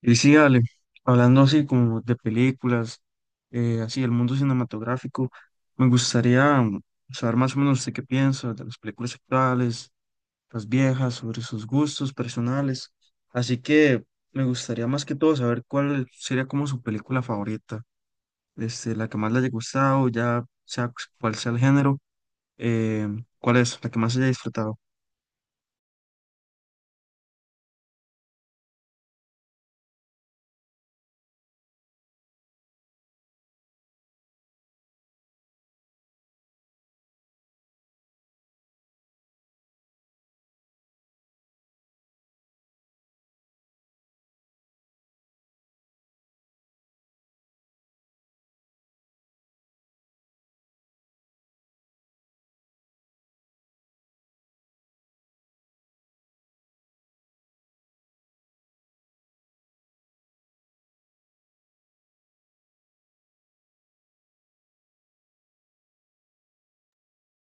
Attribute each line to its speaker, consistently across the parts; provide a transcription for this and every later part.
Speaker 1: Y sí, Ale, hablando así como de películas, así el mundo cinematográfico, me gustaría saber más o menos usted qué piensa de las películas actuales, las viejas, sobre sus gustos personales. Así que me gustaría más que todo saber cuál sería como su película favorita, este, la que más le haya gustado, ya sea cuál sea el género, eh, cuál es la que más haya disfrutado.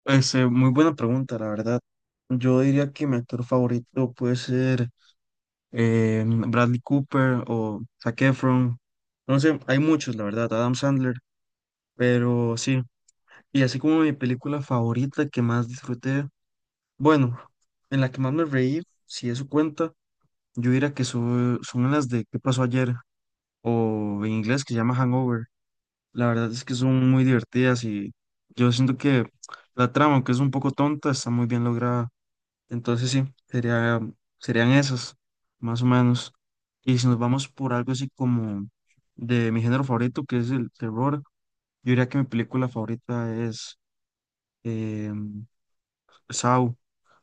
Speaker 1: Este, muy buena pregunta, la verdad. Yo diría que mi actor favorito puede ser Bradley Cooper o Zac Efron. No sé, hay muchos, la verdad, Adam Sandler, pero sí. Y así como mi película favorita que más disfruté, bueno, en la que más me reí, si eso cuenta, yo diría que son las de ¿Qué pasó ayer? O en inglés que se llama Hangover. La verdad es que son muy divertidas y yo siento que la trama, aunque es un poco tonta, está muy bien lograda. Entonces sí, sería, serían esos, más o menos. Y si nos vamos por algo así como de mi género favorito, que es el terror, yo diría que mi película favorita es eh, Saw,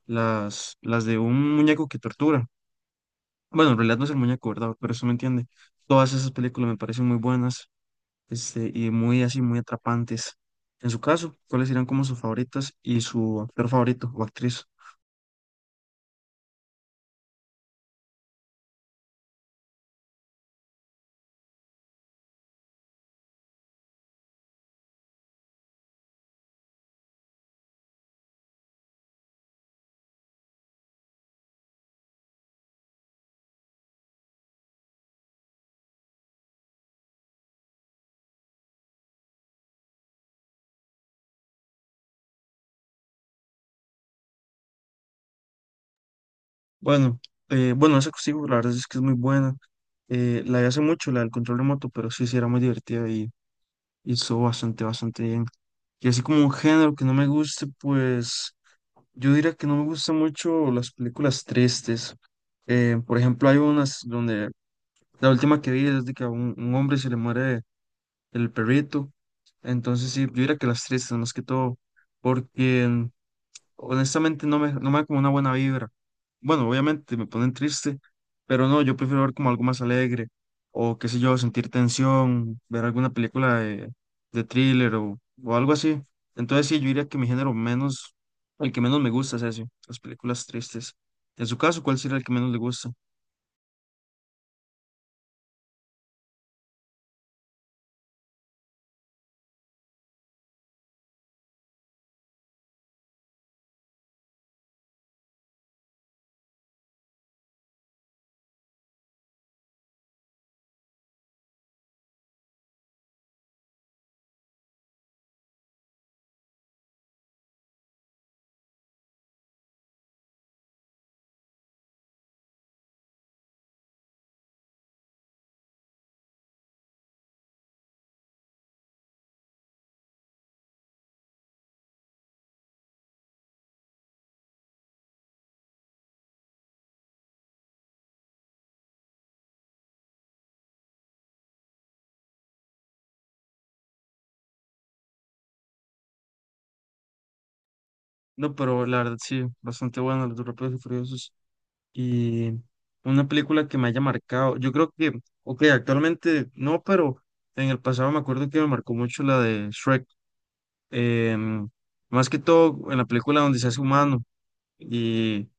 Speaker 1: las de un muñeco que tortura. Bueno, en realidad no es el muñeco, ¿verdad? Pero eso me entiende. Todas esas películas me parecen muy buenas, este, y muy así, muy atrapantes. En su caso, ¿cuáles serían como sus favoritas y su actor favorito o actriz? Bueno, bueno, esa consigo la verdad es que es muy buena. La de hace mucho, la del control remoto, pero sí, sí era muy divertida y estuvo bastante, bastante bien. Y así como un género que no me guste, pues yo diría que no me gustan mucho las películas tristes. Por ejemplo, hay unas donde la última que vi es de que a un hombre se le muere el perrito. Entonces sí, yo diría que las tristes más que todo, porque honestamente no me da como una buena vibra. Bueno, obviamente me ponen triste, pero no, yo prefiero ver como algo más alegre o qué sé yo, sentir tensión, ver alguna película de thriller o algo así. Entonces sí, yo diría que mi género menos, el que menos me gusta es ese, las películas tristes. En su caso, ¿cuál sería el que menos le gusta? No, pero la verdad sí, bastante bueno, los de Rápidos y Furiosos. Y una película que me haya marcado, yo creo que, ok, actualmente no, pero en el pasado me acuerdo que me marcó mucho la de Shrek, em, más que todo en la película donde se hace humano. Y,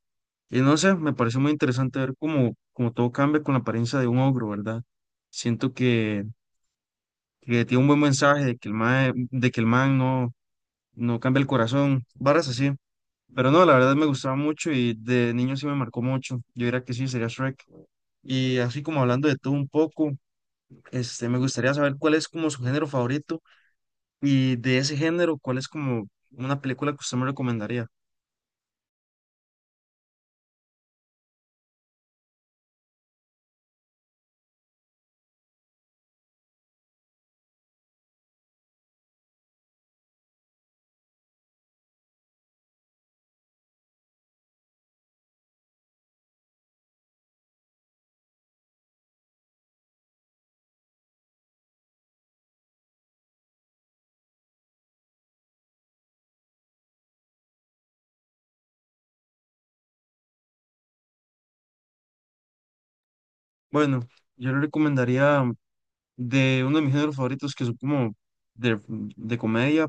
Speaker 1: y no sé, me pareció muy interesante ver cómo, cómo todo cambia con la apariencia de un ogro, ¿verdad? Siento que tiene un buen mensaje de que el man, no cambia el corazón, varas así. Pero no, la verdad me gustaba mucho y de niño sí me marcó mucho. Yo diría que sí, sería Shrek. Y así como hablando de todo un poco, este, me gustaría saber cuál es como su género favorito y de ese género, cuál es como una película que usted me recomendaría. Bueno, yo le recomendaría de uno de mis géneros favoritos que son como de comedia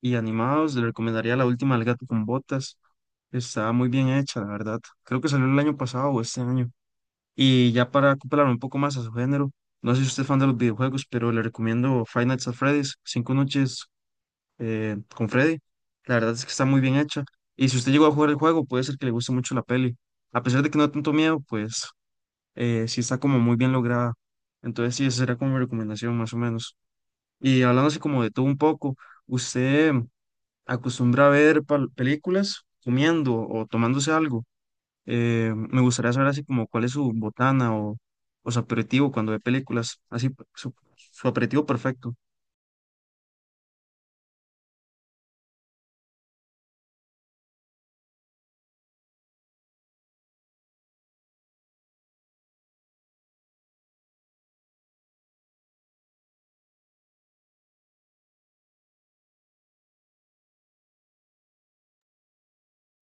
Speaker 1: y animados, le recomendaría La Última del Gato con Botas. Está muy bien hecha, la verdad. Creo que salió el año pasado o este año. Y ya para acoplarlo un poco más a su género, no sé si usted es fan de los videojuegos, pero le recomiendo Five Nights at Freddy's, Cinco Noches con Freddy. La verdad es que está muy bien hecha. Y si usted llegó a jugar el juego, puede ser que le guste mucho la peli. A pesar de que no da tanto miedo, pues sí está como muy bien lograda. Entonces sí, esa será como mi recomendación más o menos. Y hablando así como de todo un poco, ¿usted acostumbra a ver películas comiendo o tomándose algo? Me gustaría saber así como cuál es su botana o su aperitivo cuando ve películas, así su, su aperitivo perfecto.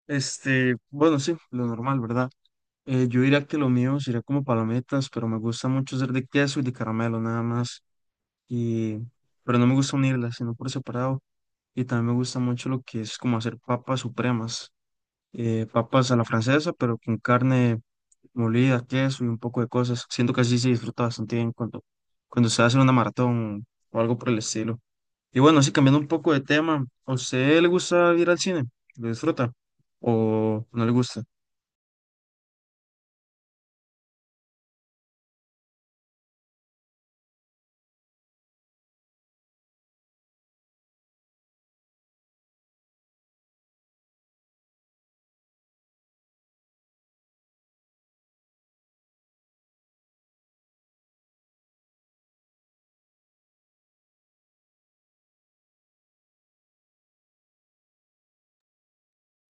Speaker 1: Este, bueno, sí, lo normal, ¿verdad? Yo diría que lo mío sería como palomitas, pero me gusta mucho ser de queso y de caramelo nada más. Y, pero no me gusta unirlas, sino por separado. Y también me gusta mucho lo que es como hacer papas supremas, papas a la francesa, pero con carne molida, queso y un poco de cosas. Siento que así se disfruta bastante bien cuando, cuando se hace una maratón o algo por el estilo. Y bueno, así cambiando un poco de tema, ¿a usted le gusta ir al cine? ¿Lo disfruta? ¿O no le gusta?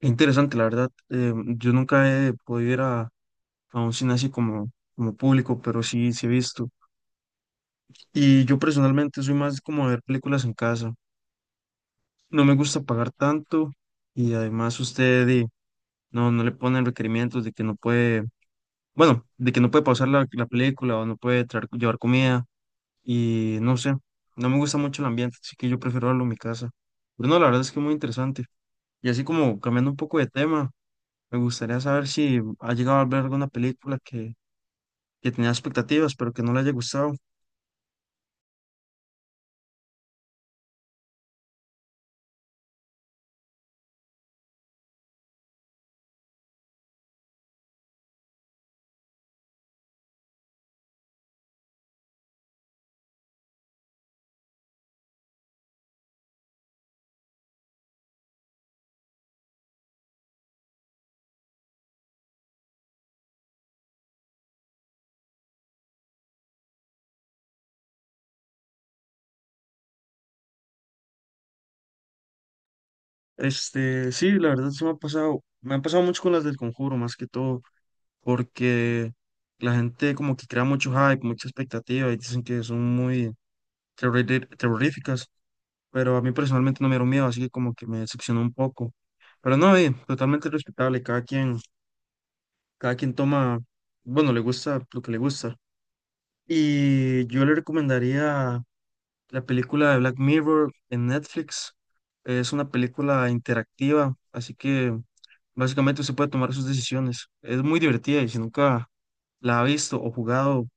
Speaker 1: Es interesante, la verdad. Eh, yo nunca he podido ir a un cine así como, como público, pero sí, sí he visto. Y yo personalmente soy más como de ver películas en casa. No me gusta pagar tanto y además usted di, no, no le ponen requerimientos de que no puede. Bueno, de que no puede pausar la película o no puede traer, llevar comida y no sé, no me gusta mucho el ambiente, así que yo prefiero verlo en mi casa. Pero no, la verdad es que es muy interesante. Y así como cambiando un poco de tema, me gustaría saber si ha llegado a ver alguna película que tenía expectativas, pero que no le haya gustado. Este, sí, la verdad se me ha pasado mucho con las del Conjuro, más que todo, porque la gente como que crea mucho hype, mucha expectativa y dicen que son muy terroríficas. Pero a mí personalmente no me dieron miedo, así que como que me decepcionó un poco. Pero no, totalmente respetable, cada quien toma, bueno, le gusta lo que le gusta. Y yo le recomendaría la película de Black Mirror en Netflix. Es una película interactiva, así que básicamente usted puede tomar sus decisiones. Es muy divertida y si nunca la ha visto o jugado,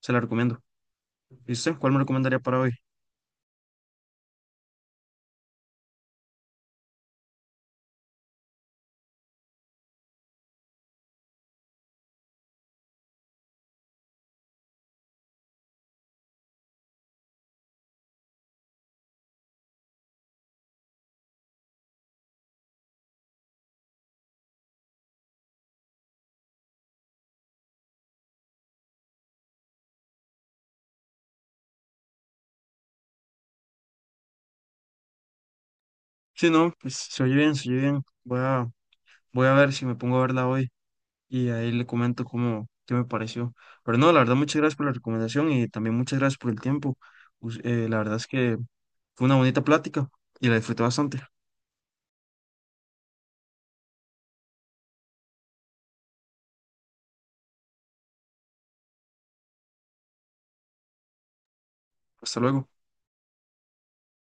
Speaker 1: se la recomiendo. ¿Y usted cuál me recomendaría para hoy? Sí, no, pues se oye bien, se oye bien. Voy a, voy a ver si me pongo a verla hoy. Y ahí le comento cómo, qué me pareció. Pero no, la verdad, muchas gracias por la recomendación y también muchas gracias por el tiempo. La verdad es que fue una bonita plática y la disfruté bastante. Hasta luego.